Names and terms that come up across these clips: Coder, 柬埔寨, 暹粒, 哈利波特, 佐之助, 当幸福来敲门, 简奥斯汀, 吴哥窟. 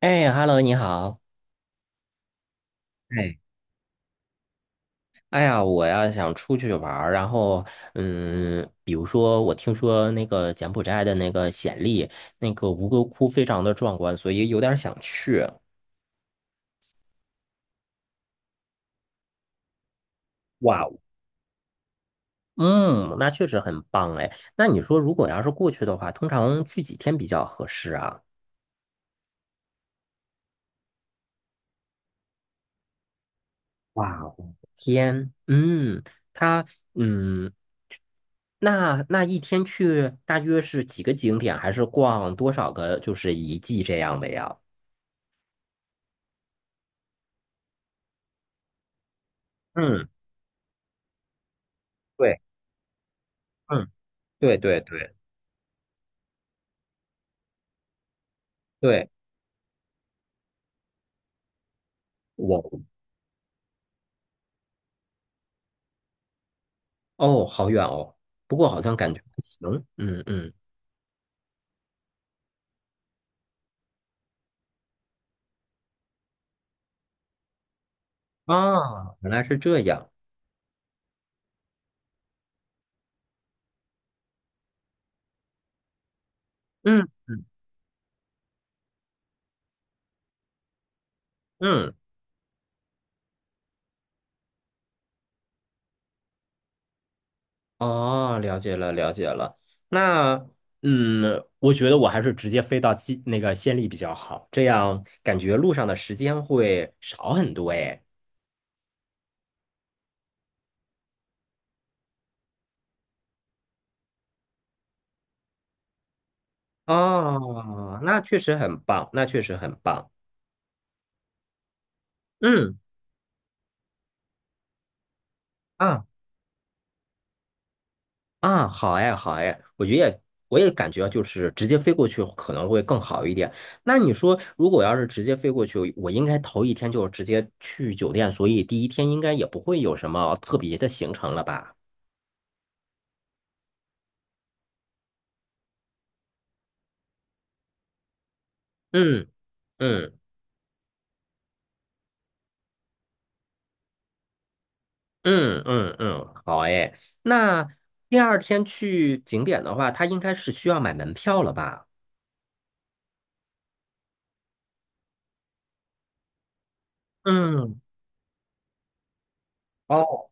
哎，Hello，你好。哎，哎呀，我要想出去玩儿，然后，比如说，我听说那个柬埔寨的那个暹粒，那个吴哥窟非常的壮观，所以有点儿想去。哇哦，嗯，那确实很棒哎。那你说，如果要是过去的话，通常去几天比较合适啊？哇哦，天，他，嗯，那一天去大约是几个景点，还是逛多少个就是遗迹这样的呀？嗯。对。嗯，对对对对，我哦，好远哦，不过好像感觉还行，嗯嗯，啊，原来是这样，嗯嗯，哦，了解了了解了，那我觉得我还是直接飞到西那个县里比较好，这样感觉路上的时间会少很多诶。哦，那确实很棒，那确实很棒，嗯啊。啊，好哎，好哎，我也感觉就是直接飞过去可能会更好一点。那你说，如果要是直接飞过去，我应该头一天就直接去酒店，所以第一天应该也不会有什么特别的行程了吧？嗯嗯嗯嗯嗯，好哎。那第二天去景点的话，它应该是需要买门票了吧？嗯，哦，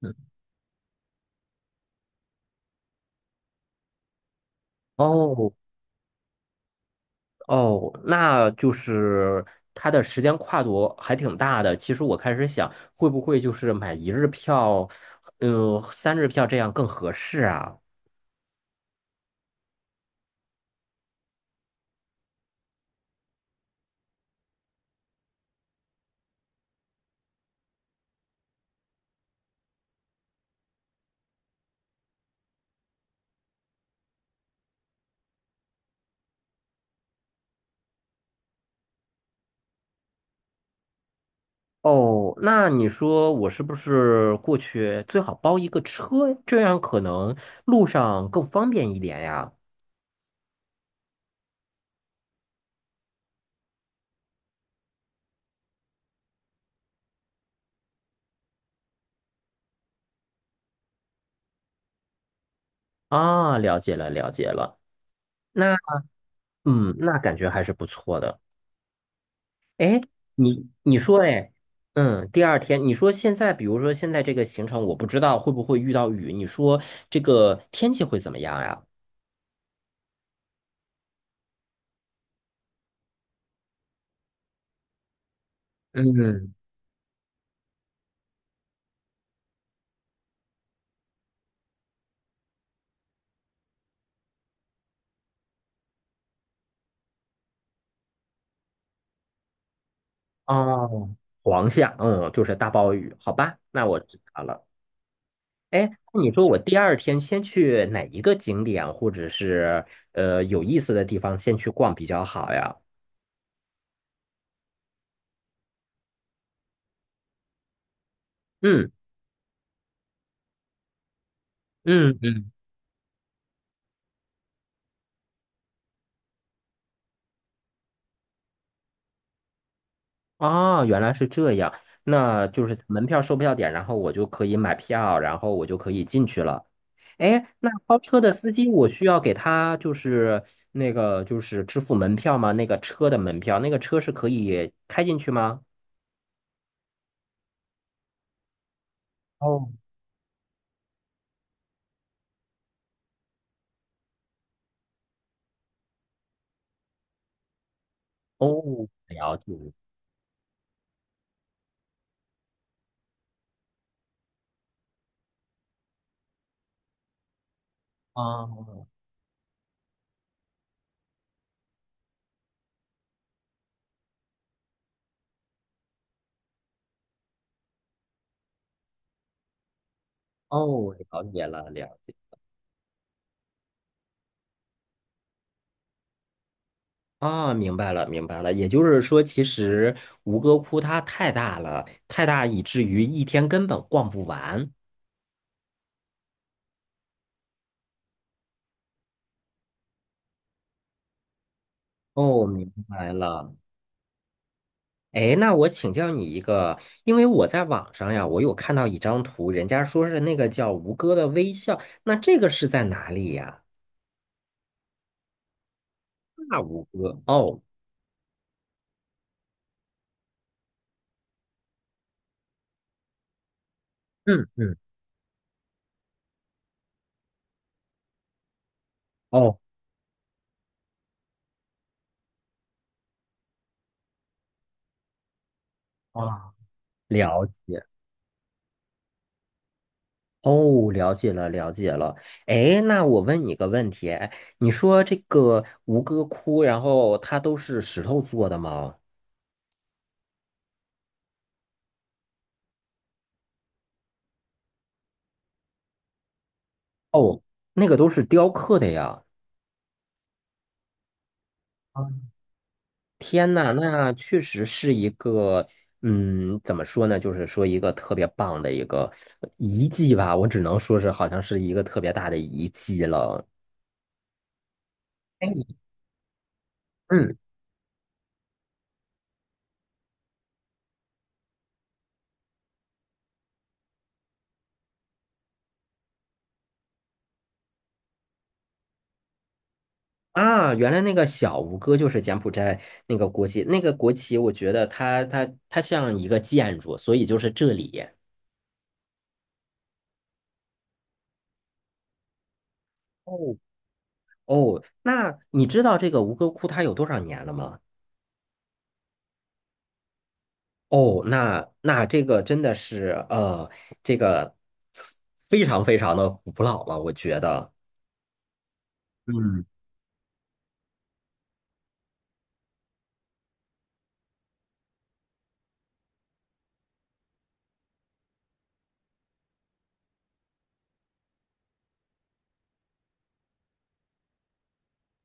嗯哦哦哦，那就是它的时间跨度还挺大的。其实我开始想，会不会就是买一日票，三日票这样更合适啊？哦，那你说我是不是过去最好包一个车，这样可能路上更方便一点呀？啊，了解了，了解了。那那感觉还是不错的。哎，你说，哎，第二天，你说现在，比如说现在这个行程，我不知道会不会遇到雨，你说这个天气会怎么样呀？嗯，哦，黄下，就是大暴雨，好吧，那我知道了。哎，那你说我第二天先去哪一个景点，或者是有意思的地方先去逛比较好呀？嗯嗯嗯哦，原来是这样，那就是门票、售票点，然后我就可以买票，然后我就可以进去了。哎，那包车的司机，我需要给他就是那个就是支付门票吗？那个车的门票，那个车是可以开进去吗？哦，哦，了解。哦哦，了解了，了解。啊，明白了，明白了。也就是说，其实吴哥窟它太大了，太大以至于一天根本逛不完。哦，明白了。哎，那我请教你一个，因为我在网上呀，我有看到一张图，人家说是那个叫吴哥的微笑，那这个是在哪里呀？那吴哥，哦，嗯嗯，哦，啊，了解，哦，了解了，了解了。哎，那我问你个问题，哎，你说这个吴哥窟，然后它都是石头做的吗？哦，那个都是雕刻的呀。天呐，那确实是一个，怎么说呢？就是说一个特别棒的一个遗迹吧，我只能说是好像是一个特别大的遗迹了。哎嗯啊，原来那个小吴哥就是柬埔寨那个国旗，那个国旗，我觉得它像一个建筑，所以就是这里。哦哦，那你知道这个吴哥窟它有多少年了吗？哦，那这个真的是这个非常非常的古老了，我觉得。嗯，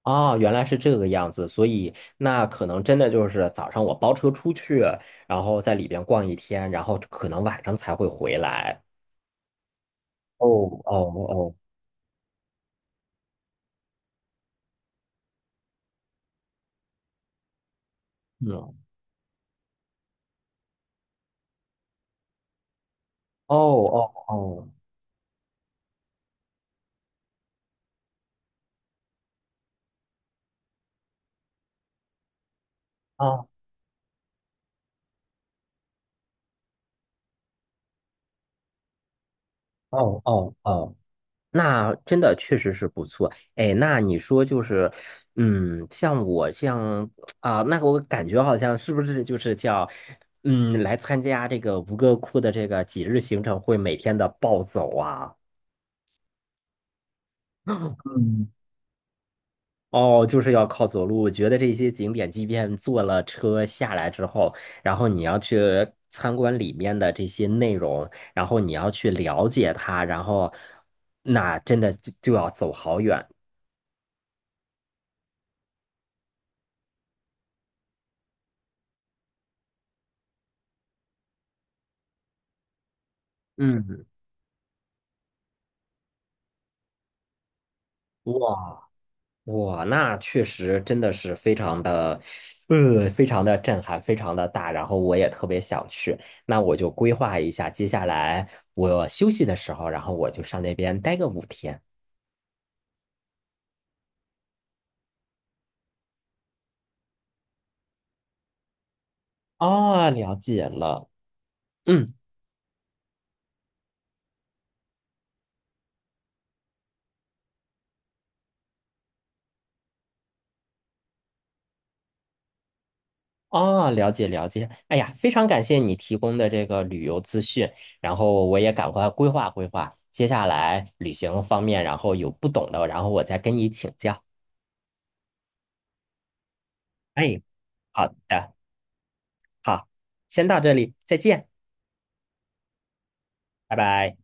啊，原来是这个样子，所以那可能真的就是早上我包车出去，然后在里边逛一天，然后可能晚上才会回来。哦哦哦，嗯，哦哦哦哦哦哦。哦那真的确实是不错，哎，那你说就是，像我像啊、那我感觉好像是不是就是叫，来参加这个吴哥窟的这个几日行程会每天的暴走啊？嗯，哦，就是要靠走路。我觉得这些景点，即便坐了车下来之后，然后你要去参观里面的这些内容，然后你要去了解它，然后那真的就要走好远。嗯。哇。哇，那确实真的是非常的，非常的震撼，非常的大。然后我也特别想去，那我就规划一下，接下来我休息的时候，然后我就上那边待个5天。哦，了解了，嗯，哦，了解了解。哎呀，非常感谢你提供的这个旅游资讯，然后我也赶快规划规划，接下来旅行方面，然后有不懂的，然后我再跟你请教。哎，好的，好，先到这里，再见，拜拜。